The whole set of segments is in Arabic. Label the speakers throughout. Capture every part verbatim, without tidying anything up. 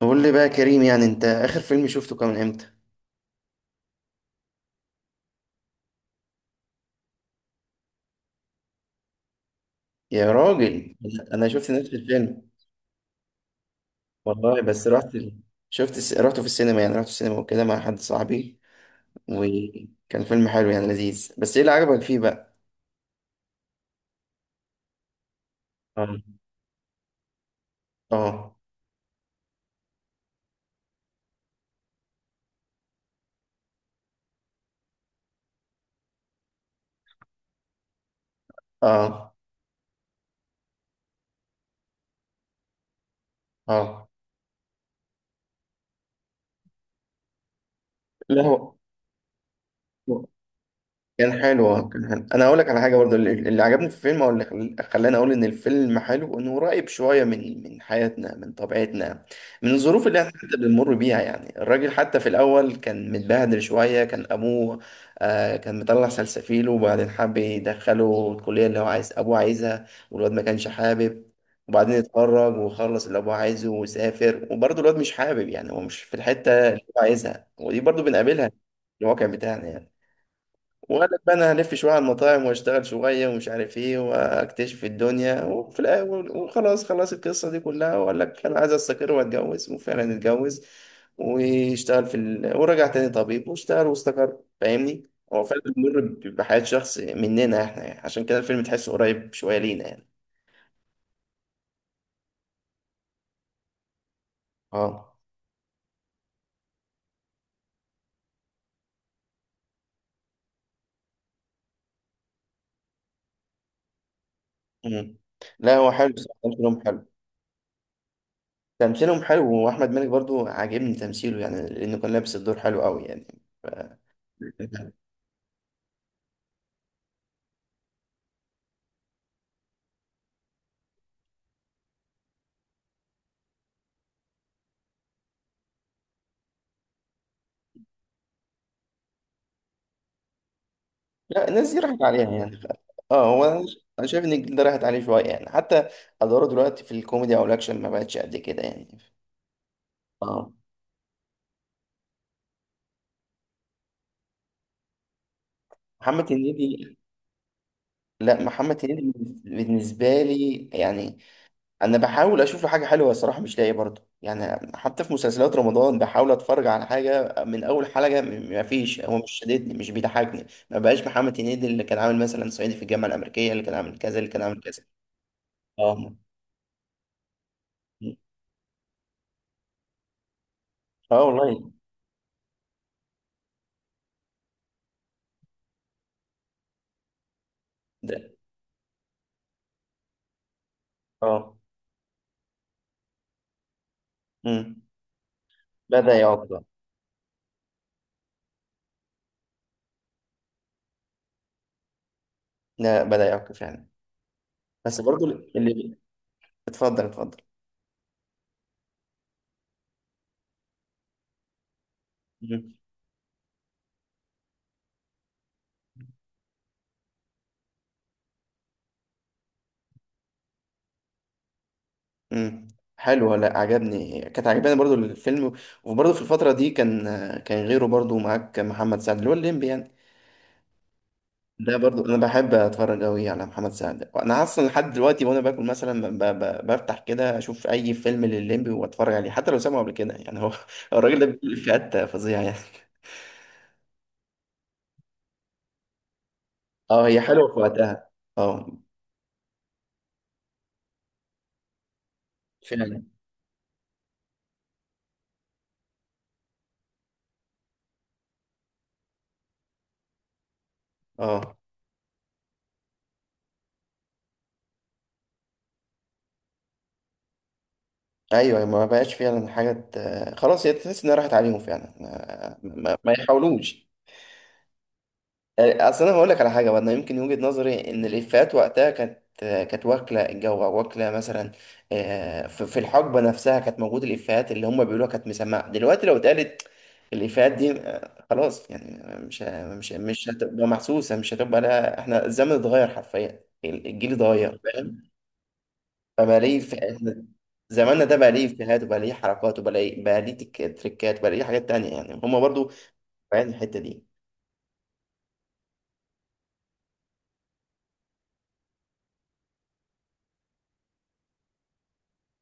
Speaker 1: قول لي بقى يا كريم، يعني انت اخر فيلم شفته كان امتى؟ يا راجل، انا أنا شفت نفس الفيلم. والله بس رحت ال- شفت الس- رحته في السينما، يعني رحت السينما وكده مع حد صاحبي، وكان فيلم حلو يعني لذيذ. بس ايه اللي عجبك فيه بقى؟ اه. اه. اه. اه. لا هو كان حلو. آه، كان حلو. انا هقول لك على حاجه، برضو اللي اللي عجبني في الفيلم، او اللي خل- خلاني اقول ان الفيلم حلو، انه قريب شويه من من حياتنا، من طبيعتنا، من الظروف اللي احنا حتى بنمر بيها. يعني الراجل حتى في الاول كان متبهدل شويه، كان ابوه آه كان مطلع سلسفيله، وبعدين حب يدخله الكليه اللي هو عايز ابوه عايزها، والواد ما كانش حابب. وبعدين اتخرج وخلص اللي ابوه عايزه، وسافر، وبرضه الواد مش حابب، يعني هو مش في الحته اللي هو عايزها. ودي برضه بنقابلها في الواقع بتاعنا يعني. وقال لك بقى انا هلف شويه على المطاعم واشتغل شويه ومش عارف ايه، واكتشف الدنيا وفي الاول، وخلاص خلاص القصه دي كلها، وقال لك انا عايز استقر واتجوز، وفعلا اتجوز واشتغل في ال... ورجع تاني طبيب واشتغل واستقر، فاهمني؟ هو فعلا بيمر ب- بحياه شخص مننا احنا، يعني عشان كده الفيلم تحسه قريب شويه لينا يعني. اه. مم. لا هو حلو بصراحة، تمثيلهم حلو. تمثيلهم حلو، واحمد مالك برضو عاجبني تمثيله، يعني لانه كان لابس الدور حلو قوي يعني. ف... لا، الناس دي راحت عليها يعني. اه، هو انا ش- أنا شايف ان الجيل ده راحت عليه شويه يعني، حتى ادواره دلوقتي في الكوميدي او الاكشن ما بقتش قد كده يعني. اه. محمد هنيدي. لا محمد هنيدي بالنسبه لي يعني، انا بحاول اشوف له حاجه حلوه الصراحه مش لاقي برضه، يعني حتى في مسلسلات رمضان بحاول اتفرج على حاجه من اول حلقه م- ما فيش، هو مش شاددني، مش بيضحكني، ما بقاش محمد هنيدي اللي كان عامل مثلا صعيدي في الجامعه الامريكيه، اللي كان عامل كذا، اللي كان عامل كذا. اه. اه والله. ده اه. مم. بدأ يعق. لا بدأ يعق فعلا. بس برضو اللي... اتفضل اتفضل. مم. مم. حلو، لا عجبني، كانت عجباني برضو الفيلم. وبرضو في الفترة دي كان كان غيره برضو معاك محمد سعد اللي هو الليمبي يعني. ده برضو انا بحب اتفرج قوي على محمد سعد، انا اصلا لحد دلوقتي وانا باكل مثلا ب... ب... بفتح كده اشوف اي فيلم للليمبي واتفرج عليه، حتى لو سامعه قبل كده، يعني هو هو الراجل ده بيقول افيهات فظيعة يعني. اه، هي حلوة في وقتها. اه فعلا. اه. ايوه، أيوة، ما بقاش فعلا حاجه ت- خلاص، هي تحس انها راحت عليهم فعلا، ما, ما ما يحاولوش. آه، اصل انا هقول لك على حاجه بقى، انا يمكن وجهه نظري ان الافيهات وقتها كانت كانت واكله الجو، أو واكله مثلا آه، في في الحقبه نفسها كانت موجوده، الافيهات اللي هم بيقولوها كانت مسمعه. دلوقتي لو اتقالت الافيهات دي آه، خلاص يعني مش ه- مش مش هتبقى محسوسه، مش هتبقى، لا احنا الزمن اتغير حرفيا، الجيل اتغير. فبقى ليه في زماننا ده بقى ليه إفيهات، وبقى ليه حركات، وبقى ليه بقى ليه تك- تريكات، وبقى ليه حاجات تانية يعني، هما برضو بعين الحتة دي.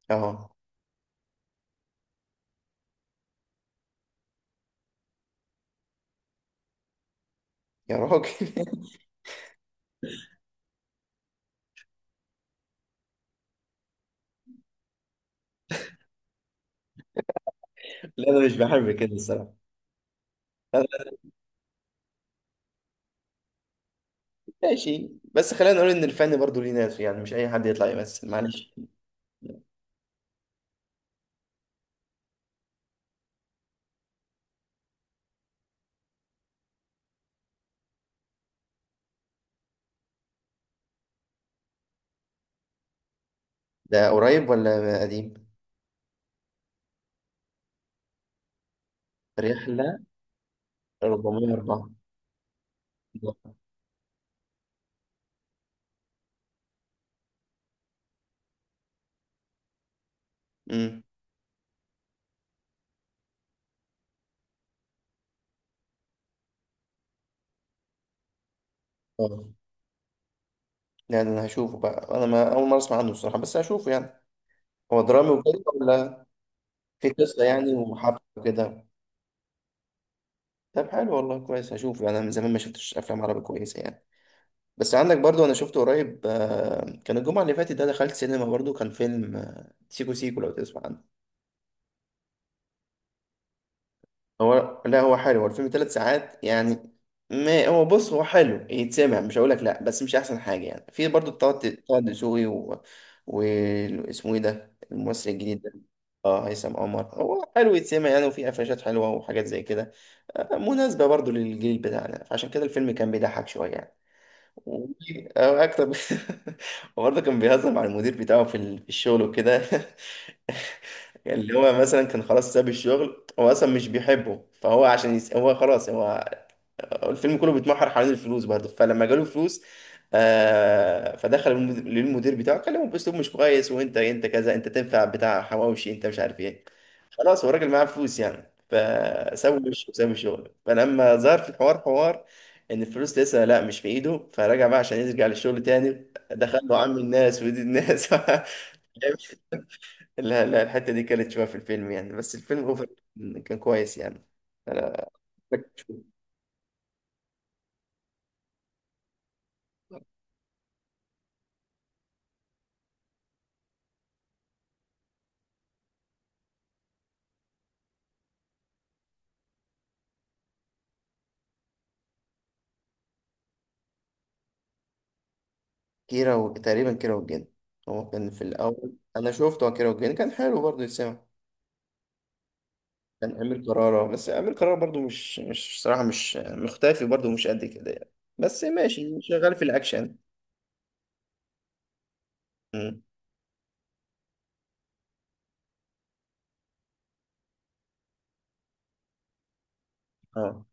Speaker 1: اه. يا راجل! لا أنا مش بحب كده الصراحة. أنا- ماشي، بس خلينا نقول إن الفن برضو ليه ناس يعني، مش أي حد يطلع يمثل، معلش. ده قريب ولا قديم؟ رحلة أربعمية وأربعة. امم. اه. يعني أنا هشوفه بقى، أنا ما... أول مرة أسمع عنه الصراحة، بس هشوفه يعني. هو درامي وكده ولا؟ في قصة يعني وحبكة وكده؟ طب حلو والله، كويس. هشوف، انا من زمان ما شفتش افلام عربي كويسه يعني. بس عندك برضو، انا شفته قريب آه، كان الجمعه اللي فاتت ده دخلت سينما، برضو كان فيلم آه، سيكو سيكو، لو تسمع عنه. هو لا هو حلو، هو الفيلم ثلاث ساعات يعني. ما هو بص، هو حلو يتسمع، مش هقولك لا، بس مش احسن حاجه يعني. في برضو طه، طه دسوقي و... واسمه ايه ده الممثل الجديد ده؟ اه هيثم عمر. هو حلو يتسمع يعني، وفي قفشات حلوه وحاجات زي كده، آه، مناسبه برضو للجيل بتاعنا عشان كده الفيلم كان بيضحك شويه يعني. او اكتر ب- وبرضه كان بيهزر مع المدير بتاعه في ال- في الشغل وكده. يعني اللي هو مثلا كان خلاص ساب الشغل، هو اصلا مش بيحبه، فهو عشان يس... هو خلاص هو الفيلم كله بيتمحور حوالين الفلوس برضه. فلما جاله فلوس آه فدخل المد- للمدير بتاعه كلمه باسلوب مش كويس، وانت انت كذا، انت تنفع بتاع حواوشي، انت مش عارف ايه، خلاص هو الراجل معاه فلوس يعني فسوي وشه وسوي شغله. فلما ظهر في الحوار، حوار ان الفلوس لسه لا مش في ايده، فرجع بقى عشان يرجع للشغل تاني، دخل له عم الناس ودي الناس. لا لا الحته دي كانت شويه في الفيلم يعني، بس الفيلم اوفر كان كويس يعني. كيرة و... تقريبا كيرة والجن. هو كان في الاول انا شفته، كيرة والجن كان حلو برضه يتسمع. كان امير كرارة، بس امير كرارة برضه مش مش صراحه مش مختفي برضه مش قد كده يعني، بس ماشي شغال في الاكشن. اه.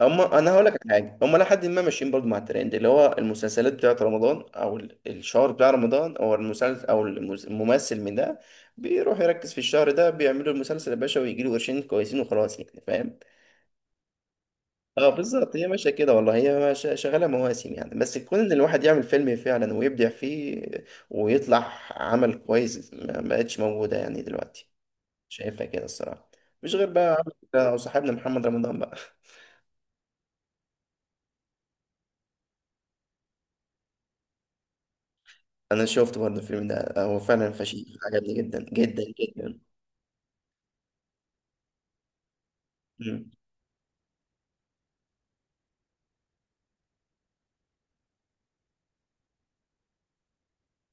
Speaker 1: هم انا هقول لك على حاجه، هم لحد ما ماشيين برضو مع الترند اللي هو المسلسلات بتاعت رمضان، او ال- الشهر بتاع رمضان، او المسلسل او المس- الممثل من ده بيروح يركز في الشهر ده، بيعملوا المسلسل يا باشا، ويجي له قرشين كويسين وخلاص، يعني فاهم. اه بالظبط، هي ماشيه كده والله، هي ماشية- شغاله مواسم يعني، بس كون ان الواحد يعمل فيلم فعلا ويبدع فيه ويطلع عمل كويس ما ما بقتش موجوده يعني دلوقتي. شايفها كده الصراحه. مش غير بقى عم- او صاحبنا محمد رمضان بقى. انا شفت برضه الفيلم ده، هو فعلا فشيخ، عجبني جدا جدا جدا. مم.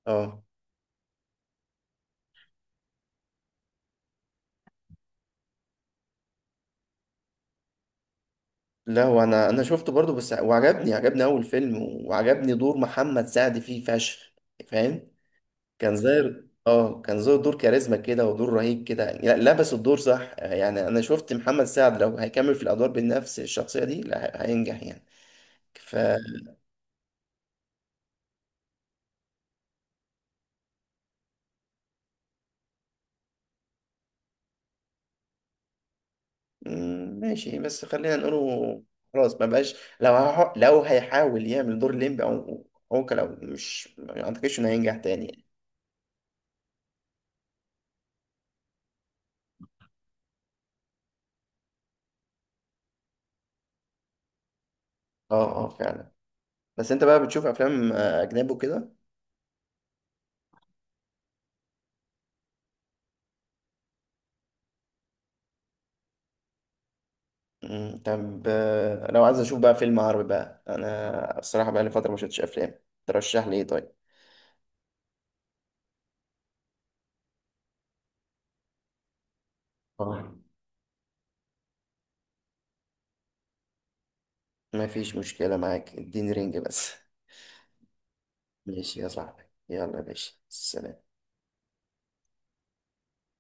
Speaker 1: اه. لا وانا انا شفته برضه بس، وعجبني، عجبني اول فيلم. وعجبني دور محمد سعد فيه فشخ، فاهم؟ كان زي اه كان زي دور كاريزما كده، ودور رهيب كده، لا- لبس الدور صح، يعني انا شفت محمد سعد لو هيكمل في الادوار بنفس الشخصيه دي، لا هي- هينجح يعني. ف مم، ماشي، بس خلينا نقوله خلاص ما بقاش، لو هح... لو هيحاول يعمل دور ليمبي او عوكل او مش، ما اعتقدش انه هينجح تاني يعني. اه اه فعلا. بس انت بقى بتشوف افلام آه، اجنبي وكده؟ مم، طب آه، لو عايز اشوف بقى فيلم عربي بقى، انا الصراحه بقى لي فتره ما شفتش افلام، ترشح لي ايه طيب؟ اه. ما فيش مشكله معاك، اديني رينج بس. ماشي يا صاحبي. يلا يا باشا، سلام.